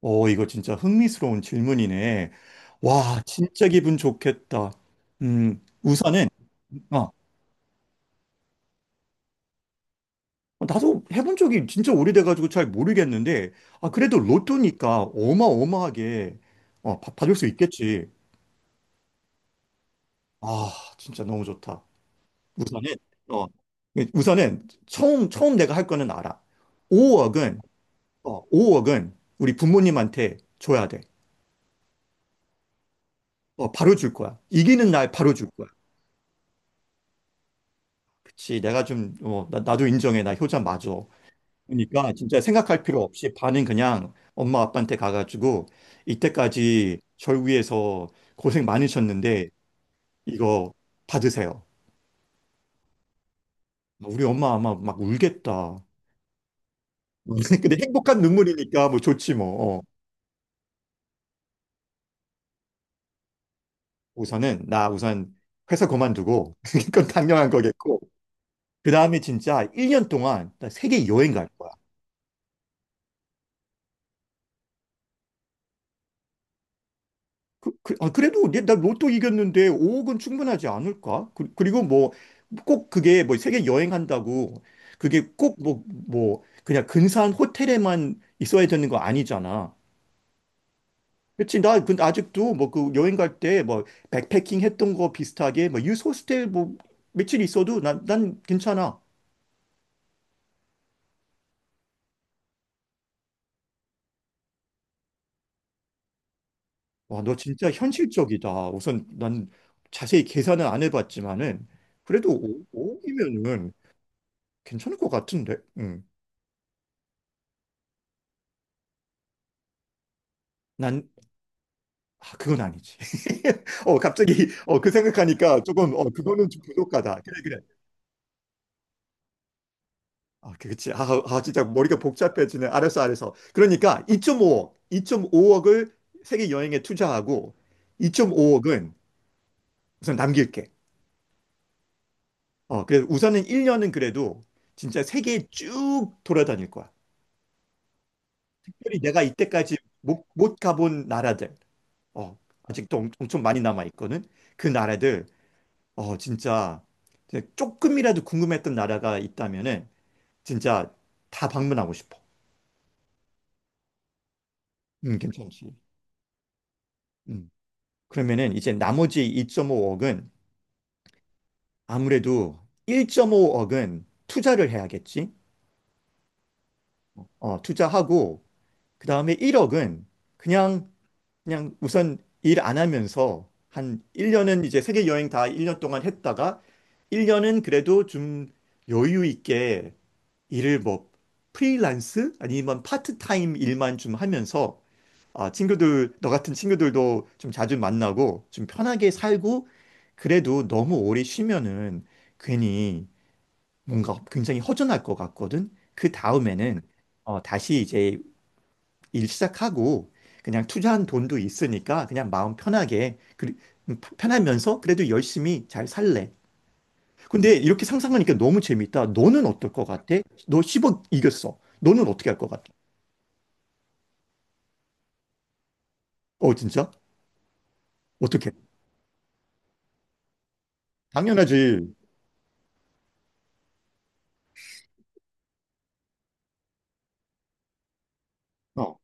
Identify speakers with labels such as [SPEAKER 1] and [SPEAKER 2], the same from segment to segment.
[SPEAKER 1] 이거 진짜 흥미스러운 질문이네. 와, 진짜 기분 좋겠다. 우선은, 아, 나도 해본 적이 진짜 오래돼가지고 잘 모르겠는데, 아, 그래도 로또니까 어마어마하게, 받을 수 있겠지. 아, 진짜 너무 좋다. 우선은, 어, 우선은 처음 내가 할 거는 알아. 5억은, 5억은 우리 부모님한테 줘야 돼. 바로 줄 거야. 이기는 날 바로 줄 거야. 그치, 내가 좀, 나도 인정해. 나 효자 맞아. 그러니까 진짜 생각할 필요 없이 반은 그냥 엄마 아빠한테 가가지고 이때까지 절 위해서 고생 많으셨는데 이거 받으세요. 우리 엄마 아마 막 울겠다. 근데 행복한 눈물이니까 뭐 좋지 뭐. 어. 우선은 나 우선 회사 그만두고 그건 당연한 거겠고 그 다음에 진짜 1년 동안 나 세계 여행 갈 거야. 아, 그래도 나 로또 이겼는데 5억은 충분하지 않을까? 그, 리고 뭐 꼭 그게 뭐 세계 여행한다고 그게 꼭 뭐 그냥 근사한 호텔에만 있어야 되는 거 아니잖아. 그치? 나 근데 아직도 뭐 그 여행 갈 때 뭐 백패킹 했던 거 비슷하게 뭐 유스호스텔 뭐 며칠 있어도 난 괜찮아. 와, 너 진짜 현실적이다. 우선 난 자세히 계산은 안 해봤지만은 그래도 5억이면은 괜찮을 것 같은데. 음. 아, 그건 아니지. 갑자기 그 생각하니까 조금 그거는 좀 부족하다. 그래, 그래. 아, 그렇지. 진짜 머리가 복잡해지네. 알았어, 알았어. 그러니까 2.5억, 2.5억을 세계 여행에 투자하고 2.5억은 우선 남길게. 그래서 우선은 1년은 그래도 진짜 세계 쭉 돌아다닐 거야. 특별히 내가 이때까지 못 가본 나라들. 어, 아직도 엄청 많이 남아 있거든. 그 나라들. 진짜 이제 조금이라도 궁금했던 나라가 있다면은 진짜 다 방문하고 싶어. 괜찮지. 음. 그러면은 이제 나머지 2.5억은 아무래도 1.5억은 투자를 해야겠지. 투자하고 그다음에 1억은 그냥 그냥 우선 일 안 하면서 한 1년은 이제 세계 여행 다 1년 동안 했다가 1년은 그래도 좀 여유 있게 일을 뭐 프리랜스 아니면 파트타임 일만 좀 하면서 아, 친구들, 너 같은 친구들도 좀 자주 만나고 좀 편하게 살고 그래도 너무 오래 쉬면은 괜히 뭔가 굉장히 허전할 것 같거든. 그 다음에는 다시 이제 일 시작하고 그냥 투자한 돈도 있으니까 그냥 마음 편하게 편하면서 그래도 열심히 잘 살래. 근데 이렇게 상상하니까 너무 재밌다. 너는 어떨 것 같아? 너1억 이겼어. 너는 어떻게 할 것 같아? 어, 진짜? 어떻게? 당연하지. 어,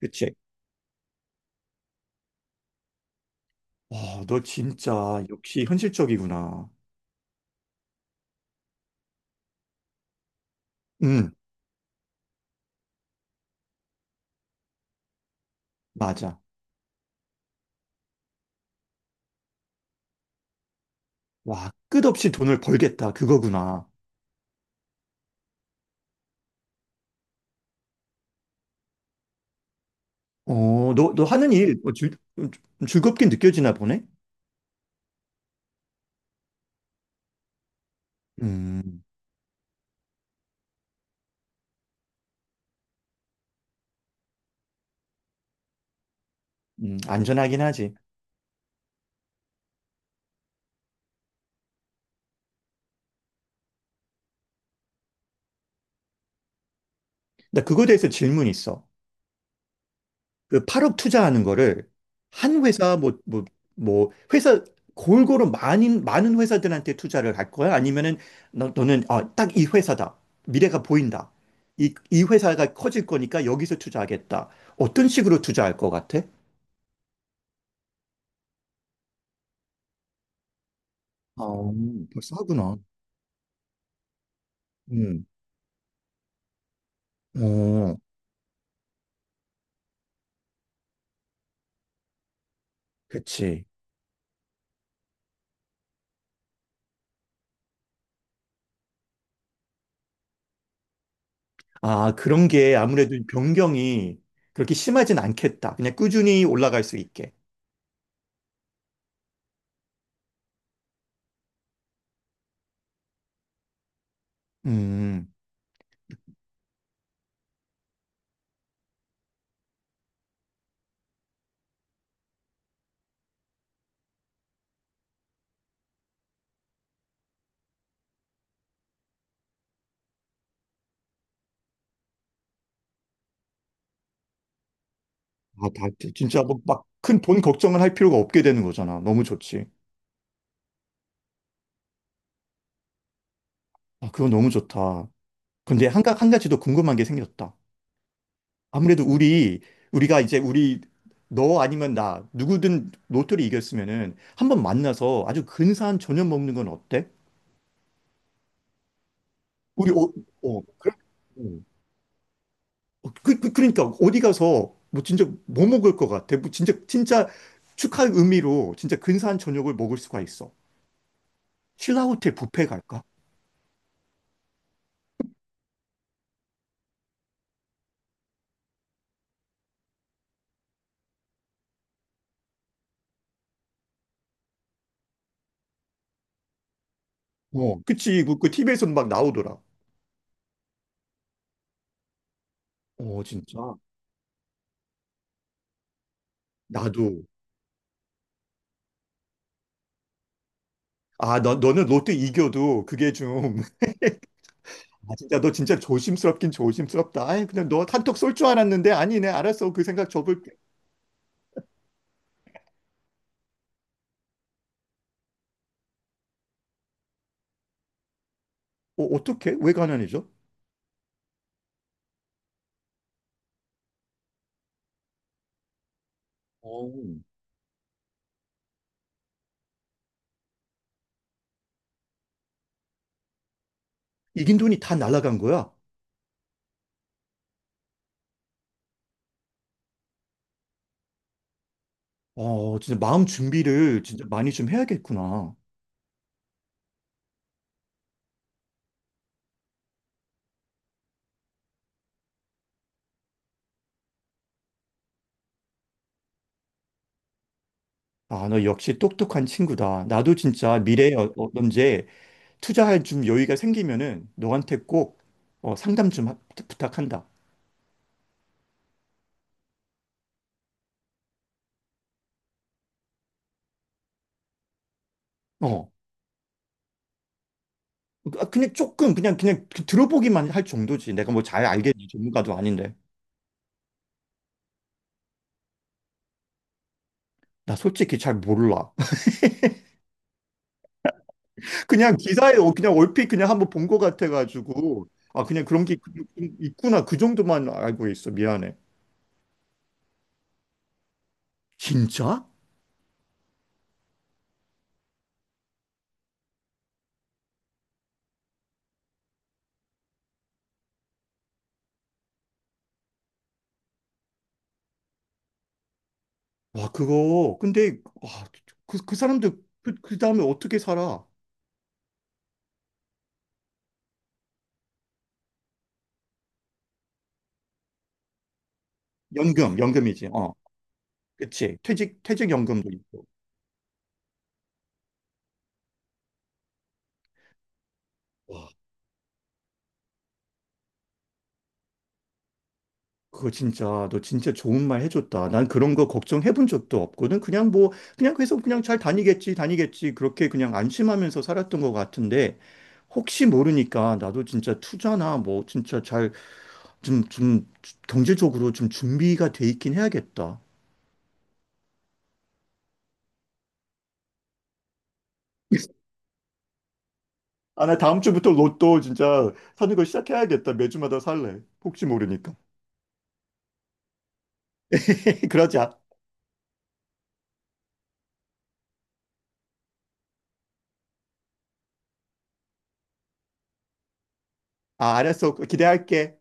[SPEAKER 1] 그치. 와, 너 진짜 역시 현실적이구나. 응, 맞아. 와, 끝없이 돈을 벌겠다. 그거구나. 너 하는 일 좀 즐겁게 느껴지나 보네? 음, 안전하긴 하지. 나 그거에 대해서 질문 있어. 그 8억 투자하는 거를 한 회사 뭐 회사 골고루 많은 회사들한테 투자를 할 거야? 아니면은 너는 아, 딱 이 회사다. 미래가 보인다. 이 회사가 커질 거니까 여기서 투자하겠다. 어떤 식으로 투자할 것 같아? 아, 벌써 하구나. 음. 어, 그치. 아, 그런 게 아무래도 변경이 그렇게 심하진 않겠다. 그냥 꾸준히 올라갈 수 있게. 음. 아, 다 진짜 뭐 막 큰 돈 걱정을 할 필요가 없게 되는 거잖아. 너무 좋지. 아, 그건 너무 좋다. 근데 한 가지 더 궁금한 게 생겼다. 아무래도 우리가 이제 우리 너 아니면 나 누구든 로또를 이겼으면은 한번 만나서 아주 근사한 저녁 먹는 건 어때? 우리 어, 그래? 어, 그러니까 어디 가서 뭐 진짜 뭐 먹을 것 같아? 뭐 진짜 진짜 축하 의미로 진짜 근사한 저녁을 먹을 수가 있어. 신라호텔 뷔페 갈까? 그치. 그 TV에서는 막 나오더라. 어, 진짜. 나도. 아, 너는 롯데 이겨도 그게 좀, 아, 진짜 너 진짜 조심스럽긴 조심스럽다. 아이, 그냥 너 한턱 쏠 줄 알았는데 아니네. 알았어. 그 생각 접을게. 어떡해? 왜 가난해져? 어. 이긴 돈이 다 날아간 거야. 진짜 마음 준비를 진짜 많이 좀 해야겠구나. 아, 너 역시 똑똑한 친구다. 나도 진짜 미래에 언제 투자할 좀 여유가 생기면은 너한테 꼭 어, 상담 좀 하- 부탁한다. 어. 아, 그냥 조금 그냥 그 들어보기만 할 정도지. 내가 뭐 잘 알겠니? 전문가도 아닌데. 나 솔직히 잘 몰라. 그냥 기사에 그냥 얼핏 그냥 한번 본 것 같아가지고 아, 그냥 그런 게 있구나. 그 정도만 알고 있어. 미안해. 진짜? 와. 그거 근데 와, 그 사람들 그 다음에 어떻게 살아? 연금 연금이지. 어. 그치. 퇴직 연금도 있고. 와. 그거 진짜 너 진짜 좋은 말 해줬다. 난 그런 거 걱정해 본 적도 없거든. 그냥 뭐 그냥 계속 그냥 잘 다니겠지 다니겠지 그렇게 그냥 안심하면서 살았던 것 같은데 혹시 모르니까 나도 진짜 투자나 뭐 진짜 잘 좀 경제적으로 좀 준비가 돼 있긴 해야겠다. 아, 나 다음 주부터 로또 진짜 사는 거 시작해야겠다. 매주마다 살래. 혹시 모르니까. 그러자. 아, 알았어. 기대할게.